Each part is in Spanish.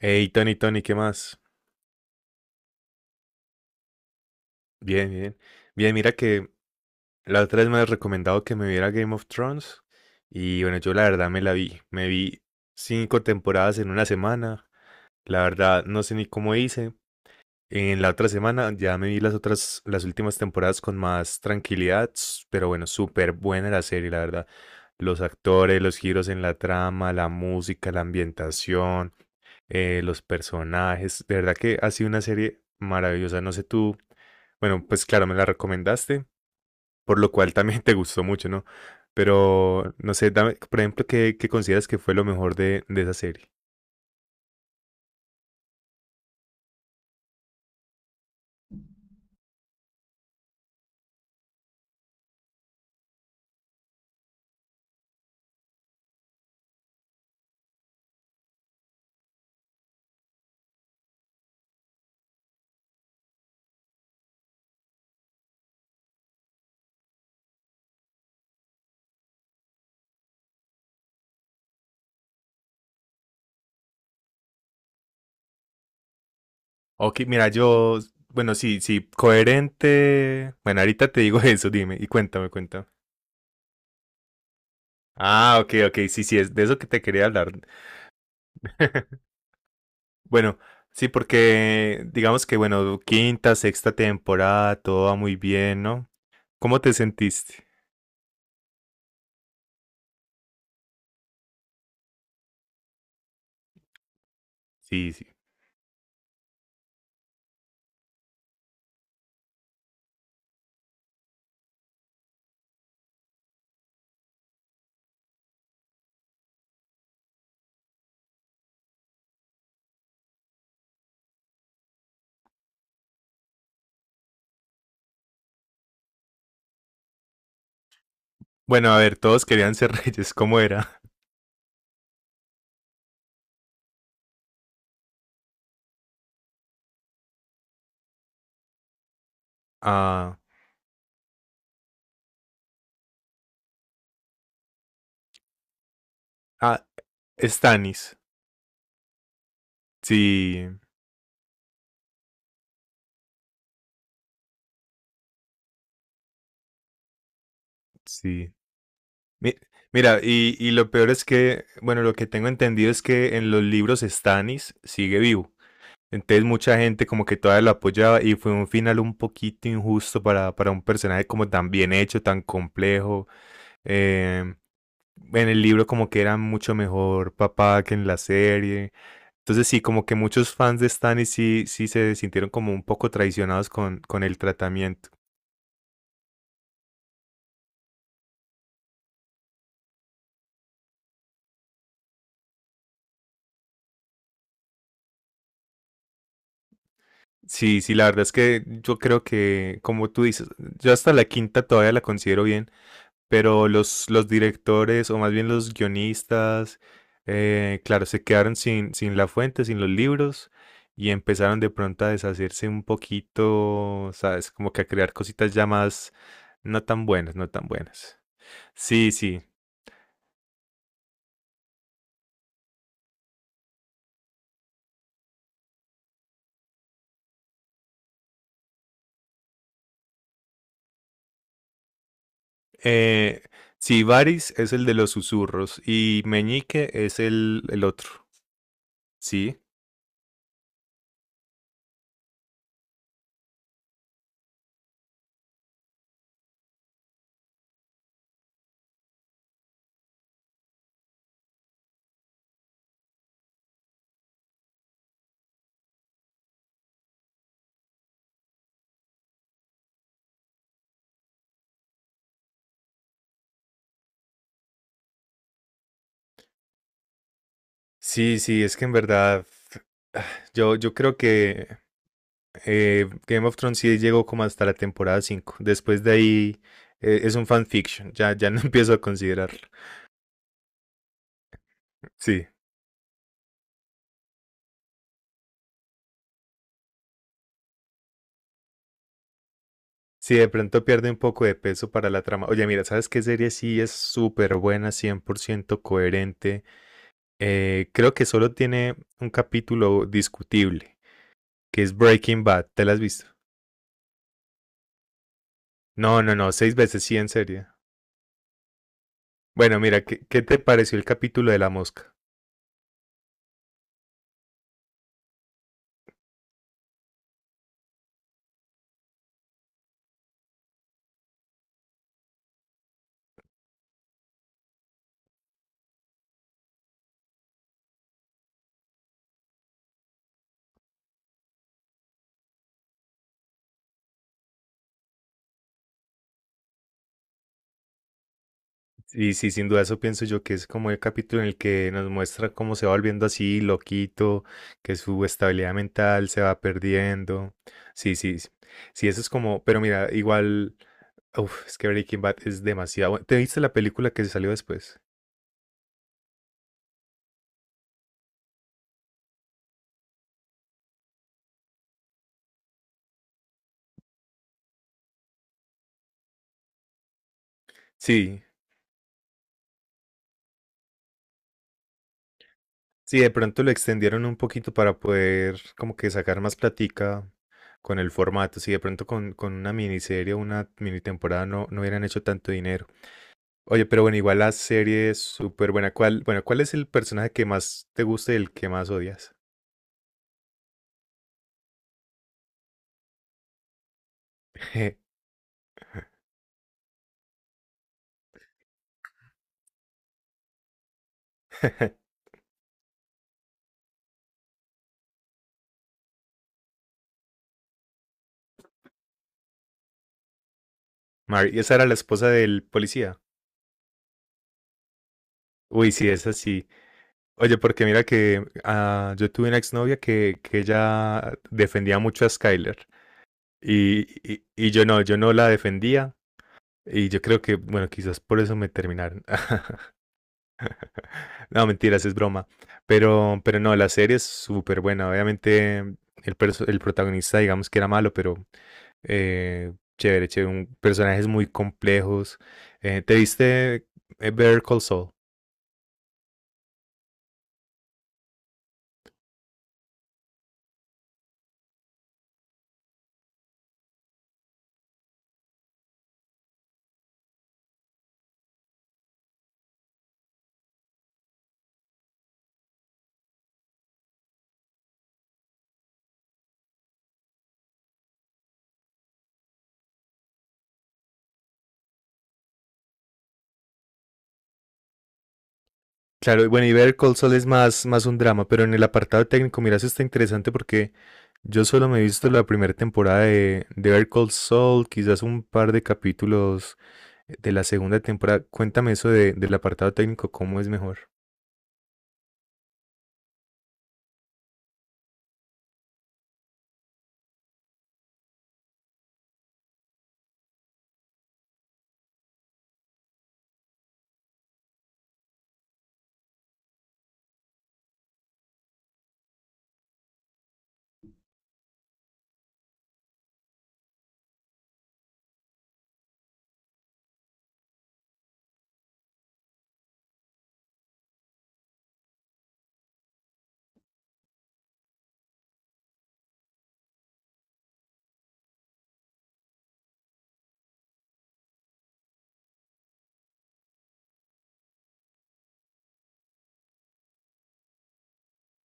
Hey, Tony, Tony, ¿qué más? Bien, bien. Bien, mira que la otra vez me has recomendado que me viera Game of Thrones y bueno, yo la verdad me la vi. Me vi cinco temporadas en una semana. La verdad no sé ni cómo hice. En la otra semana ya me vi las otras, las últimas temporadas con más tranquilidad, pero bueno, súper buena la serie, la verdad. Los actores, los giros en la trama, la música, la ambientación. Los personajes. De verdad que ha sido una serie maravillosa. No sé tú, bueno, pues claro, me la recomendaste, por lo cual también te gustó mucho, ¿no? Pero no sé, dame, por ejemplo, ¿qué consideras que fue lo mejor de esa serie? Ok, mira, yo, bueno, sí, sí, coherente. Bueno, ahorita te digo eso, dime, y cuéntame, cuéntame. Ah, ok, ok, sí, sí, es de eso que te quería hablar. Bueno, sí, porque digamos que, bueno, quinta, sexta temporada, todo va muy bien, ¿no? ¿Cómo te sentiste? Sí, sí. Bueno, a ver, todos querían ser reyes, ¿cómo era? Ah, ah, Stannis. Sí, sí. Mi- mira, y lo peor es que, bueno, lo que tengo entendido es que en los libros Stannis sigue vivo. Entonces mucha gente como que todavía lo apoyaba y fue un final un poquito injusto para un personaje como tan bien hecho, tan complejo. Em, en el libro como que era mucho mejor papá que en la serie. Entonces sí, como que muchos fans de Stannis sí, sí se sintieron como un poco traicionados con el tratamiento. Sí, sí, la verdad es que yo creo que, como tú dices, yo hasta la quinta todavía la considero bien, pero los directores, o más bien los guionistas, claro, se quedaron sin la fuente, sin los libros, y empezaron de pronto a deshacerse un poquito, ¿sabes? Como que a crear cositas ya más no tan buenas, no tan buenas. Sí, sí, Eh, sí, Varys es el de los susurros y Meñique es el otro. Sí, sí, sí, es que en verdad ah, yo creo que Game of Thrones sí llegó como hasta la temporada 5. Después de ahí es un fanfiction, ya, ya no empiezo a considerarlo. Sí, sí, de pronto pierde un poco de peso para la trama. Oye, mira, ¿sabes qué serie sí es súper buena, 100% coherente? Creo que solo tiene un capítulo discutible, que es Breaking Bad. ¿Te la has visto? No, no, no, seis veces sí, en serio. Bueno, mira, ¿qué te pareció el capítulo de la mosca? Y sí, sin duda eso pienso yo que es como el capítulo en el que nos muestra cómo se va volviendo así, loquito, que su estabilidad mental se va perdiendo. Sí, sí, sí, sí, eso es como, pero mira, igual, uf, es que Breaking Bad es demasiado bueno. ¿Te viste la película que se salió después? Sí, sí, de pronto lo extendieron un poquito para poder como que sacar más platica con el formato. Si de pronto con una miniserie o una mini temporada no, no hubieran hecho tanto dinero. Oye, pero bueno, igual la serie es súper buena. ¿Cuál es el personaje que más te gusta y el que más odias? Mary, esa era la esposa del policía. Uy, sí, es así. Oye, porque mira que yo tuve una exnovia que ella defendía mucho a Skyler. Y, y yo no, yo no la defendía. Y yo creo que, bueno, quizás por eso me terminaron. No, mentiras, es broma. Pero no, la serie es súper buena. Obviamente, el protagonista, digamos que era malo, pero chévere, chévere. Personajes muy complejos. ¿Te viste Better Call Saul? Claro, y bueno, y Better Call Saul es más, más un drama, pero en el apartado técnico, mira, eso está interesante porque yo solo me he visto la primera temporada de Better Call Saul, quizás un par de capítulos de la segunda temporada. Cuéntame eso del apartado técnico, cómo es mejor.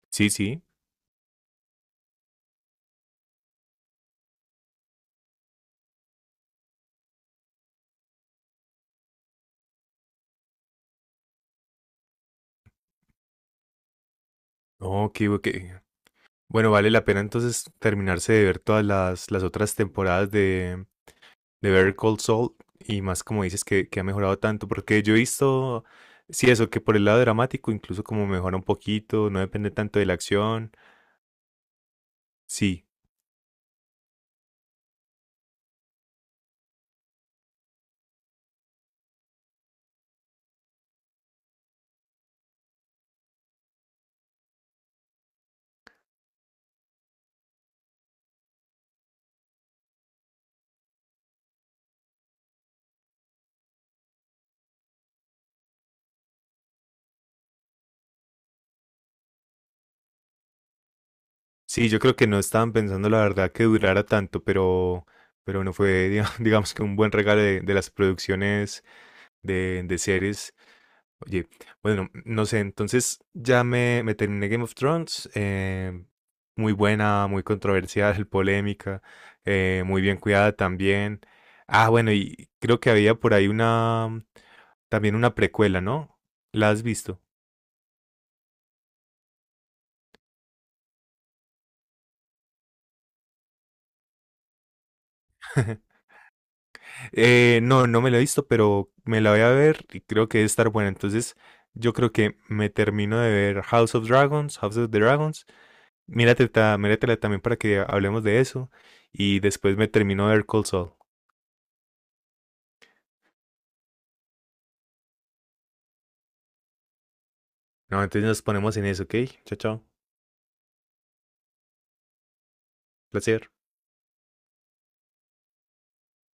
Sí, sí. Ok, ok. Bueno, vale la pena entonces terminarse de ver todas las otras temporadas de Better Call Saul y más como dices que ha mejorado tanto, porque yo he visto, sí, eso, que por el lado dramático incluso como mejora un poquito, no depende tanto de la acción. Sí, sí, yo creo que no estaban pensando la verdad que durara tanto, pero bueno, fue digamos que un buen regalo de las producciones de series. Oye, bueno, no sé, entonces ya me terminé Game of Thrones, muy buena, muy controversial, polémica, muy bien cuidada también. Ah, bueno, y creo que había por ahí una, también una precuela, ¿no? ¿La has visto? No, no me la he visto, pero me la voy a ver y creo que debe estar buena. Entonces, yo creo que me termino de ver House of the Dragons, Mírate, míratela también para que hablemos de eso. Y después me termino de ver Cold Soul. No, entonces nos ponemos en eso, ¿ok? Chao, chao. Placer.